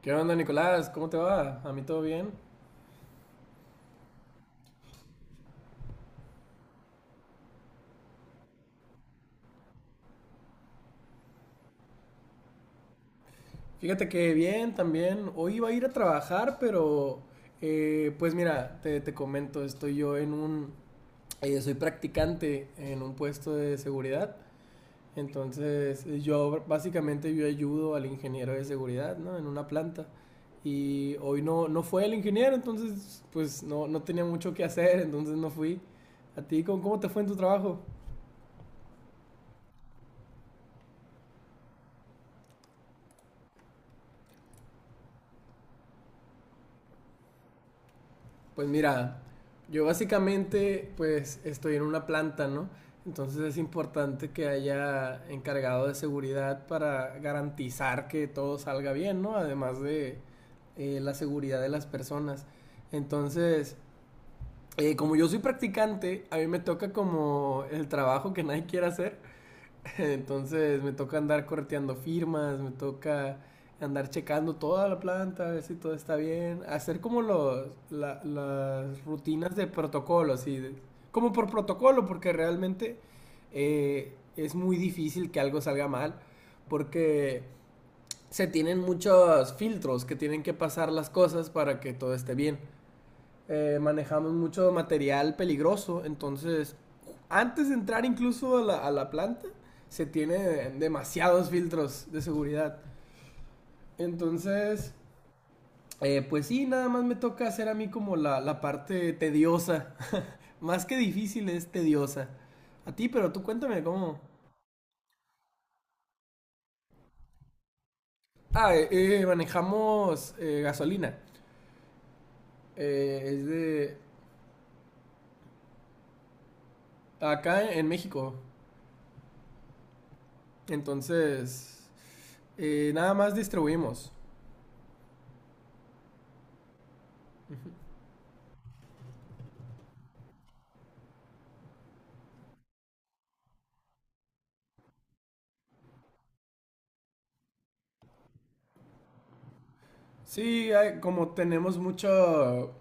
¿Qué onda, Nicolás? ¿Cómo te va? ¿A mí todo bien? Fíjate que bien también. Hoy iba a ir a trabajar, pero pues mira, te comento, estoy yo en un... soy practicante en un puesto de seguridad. Entonces yo básicamente yo ayudo al ingeniero de seguridad, ¿no? En una planta. Y hoy no fue el ingeniero, entonces pues no tenía mucho que hacer, entonces no fui. ¿A ti cómo te fue en tu trabajo? Pues mira, yo básicamente pues estoy en una planta, ¿no? Entonces es importante que haya encargado de seguridad para garantizar que todo salga bien, ¿no? Además de la seguridad de las personas. Entonces, como yo soy practicante, a mí me toca como el trabajo que nadie quiere hacer. Entonces me toca andar correteando firmas, me toca andar checando toda la planta, a ver si todo está bien, hacer como las rutinas de protocolo, así, como por protocolo, porque realmente es muy difícil que algo salga mal, porque se tienen muchos filtros que tienen que pasar las cosas para que todo esté bien. Manejamos mucho material peligroso, entonces antes de entrar incluso a la planta se tiene demasiados filtros de seguridad. Entonces, pues sí, nada más me toca hacer a mí como la parte tediosa. Más que difícil es tediosa. A ti, pero tú cuéntame cómo. Ah, manejamos gasolina. Es de acá en México. Entonces, nada más distribuimos. Sí, hay- como tenemos mucho,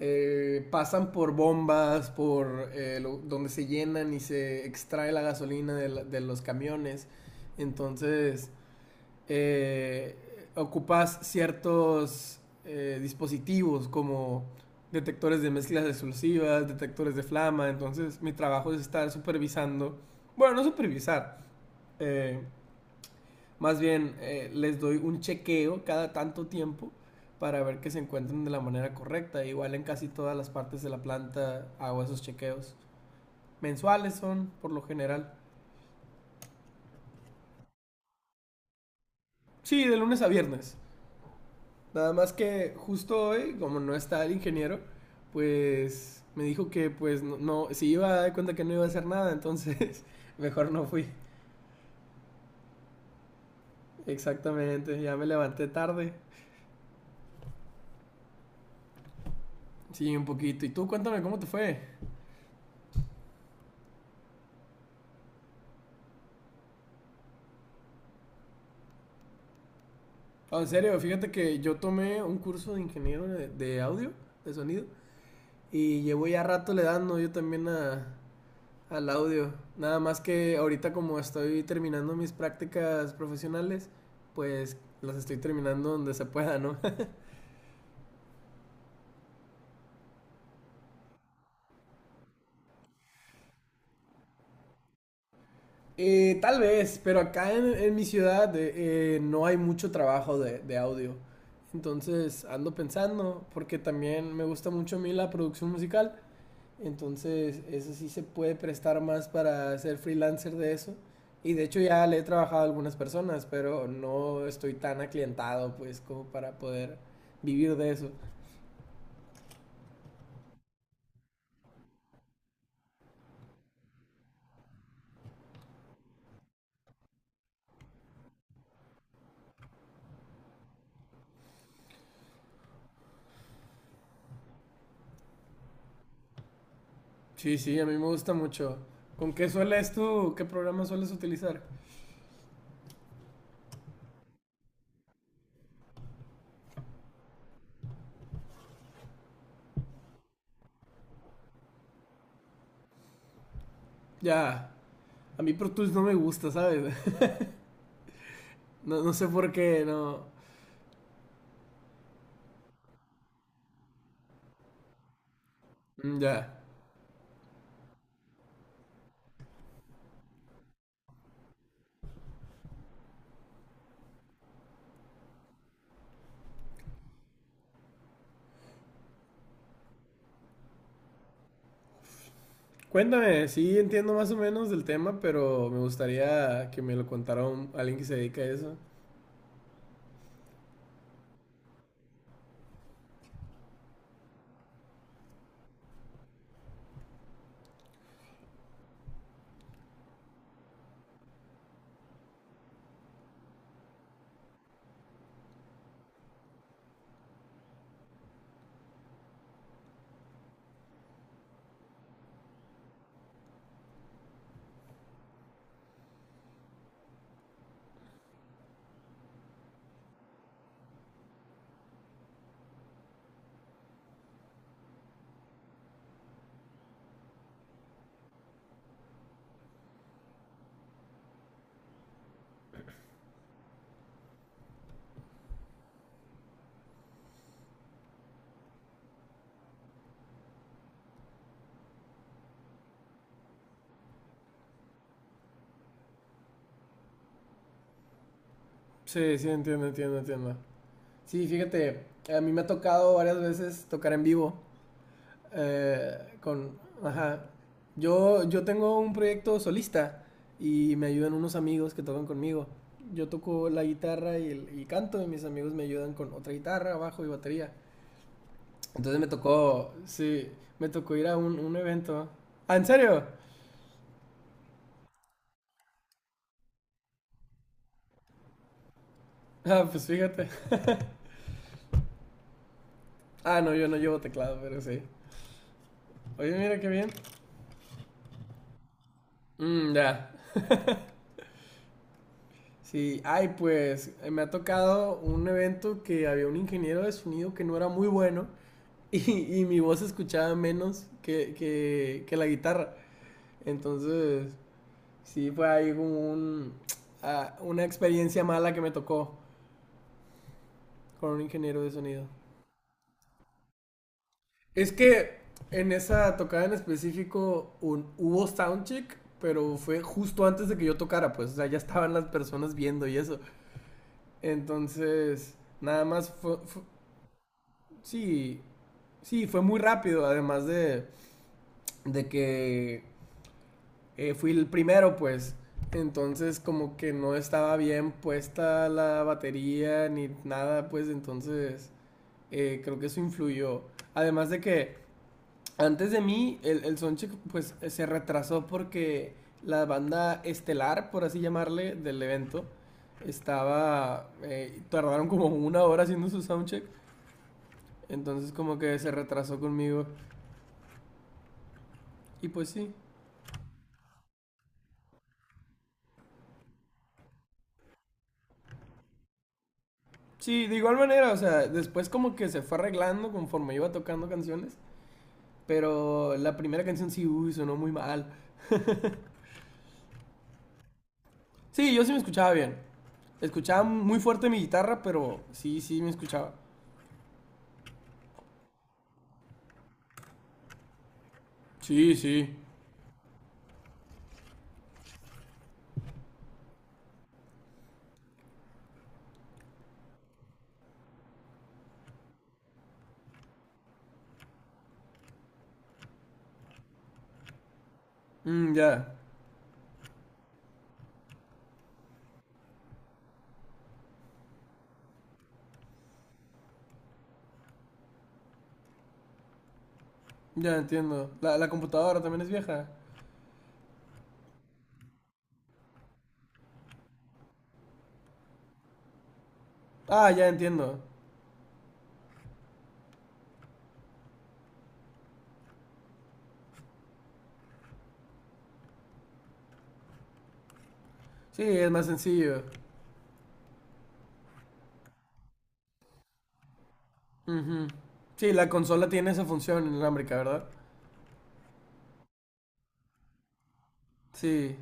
pasan por bombas, por lo- donde se llenan y se extrae la gasolina de, la- de los camiones. Entonces, eh, ocupas ciertos dispositivos como detectores de mezclas explosivas, detectores de flama. Entonces, mi trabajo es estar supervisando, bueno, no supervisar, eh, más bien, les doy un chequeo cada tanto tiempo para ver que se encuentren de la manera correcta. Igual en casi todas las partes de la planta hago esos chequeos. Mensuales son, por lo general. Sí, de lunes a viernes. Nada más que justo hoy, como no está el ingeniero, pues me dijo que pues no, no- si iba a dar cuenta que no iba a hacer nada, entonces mejor no fui. Exactamente, ya me levanté tarde. Sí, un poquito. ¿Y tú cuéntame cómo te fue? Ah, en serio, fíjate que yo tomé un curso de ingeniero de audio, de sonido, y llevo ya rato le dando yo también a, al audio. Nada más que ahorita como estoy terminando mis prácticas profesionales, pues las estoy terminando donde se pueda, ¿no? Tal vez, pero acá en mi ciudad no hay mucho trabajo de audio. Entonces ando pensando, porque también me gusta mucho a mí la producción musical. Entonces, eso sí se puede prestar más para ser freelancer de eso. Y de hecho ya le he trabajado a algunas personas, pero no estoy tan aclientado pues como para poder vivir de eso. Sí, sí, a mí me gusta mucho. ¿Con qué sueles tú? ¿Qué programa sueles utilizar? Ya, a mí Pro Tools no me gusta, ¿sabes? No, no sé por qué, no. Mm, ya. Cuéntame, sí entiendo más o menos del tema, pero me gustaría que me lo contara un- alguien que se dedica a eso. Sí, sí, entiendo, entiendo, entiendo. Sí, fíjate, a mí me ha tocado varias veces tocar en vivo con, ajá. Yo tengo un proyecto solista y me ayudan unos amigos que tocan conmigo. Yo toco la guitarra y, el- y canto y mis amigos me ayudan con otra guitarra, bajo y batería. Entonces me tocó, sí, me tocó ir a un evento. ¿Ah, en serio? Ah, pues fíjate. Ah, no, yo no llevo teclado, pero sí. Oye, mira qué bien. Mm, ya. Sí, ay, pues me ha tocado un evento que había un ingeniero de sonido que no era muy bueno y mi voz se escuchaba menos que la guitarra. Entonces, sí, fue ahí como un, ah, una experiencia mala que me tocó con un ingeniero de sonido. Es que en esa tocada en específico un, hubo soundcheck, pero fue justo antes de que yo tocara, pues, o sea, ya estaban las personas viendo y eso. Entonces, nada más sí, sí, fue muy rápido, además de que fui el primero, pues. Entonces como que no estaba bien puesta la batería ni nada, pues entonces creo que eso influyó. Además de que antes de mí el soundcheck pues se retrasó porque la banda estelar, por así llamarle, del evento estaba... tardaron como una hora haciendo su soundcheck. Entonces como que se retrasó conmigo. Y pues sí, sí, de igual manera, o sea, después como que se fue arreglando conforme iba tocando canciones, pero la primera canción sí, uy, sonó muy mal. Sí, yo sí me escuchaba bien. Escuchaba muy fuerte mi guitarra, pero sí, sí me escuchaba. Sí, sí. Mm, ya, ya entiendo. La computadora también es vieja. Ah, ya entiendo. Sí, es más sencillo. Ujú. Sí, la consola tiene esa función inalámbrica, ¿verdad? Sí,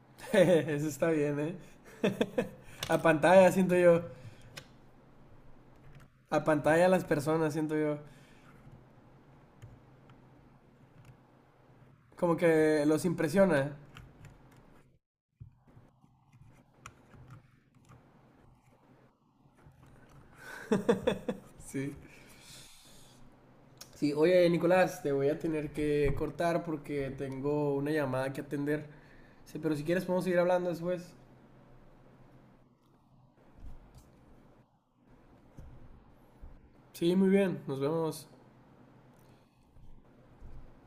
eso está bien, ¿eh? A pantalla, siento yo. A pantalla las personas, siento yo. Como que los impresiona. Sí. Sí, oye Nicolás, te voy a tener que cortar porque tengo una llamada que atender. Sí, pero si quieres podemos seguir hablando después. Sí, muy bien, nos vemos.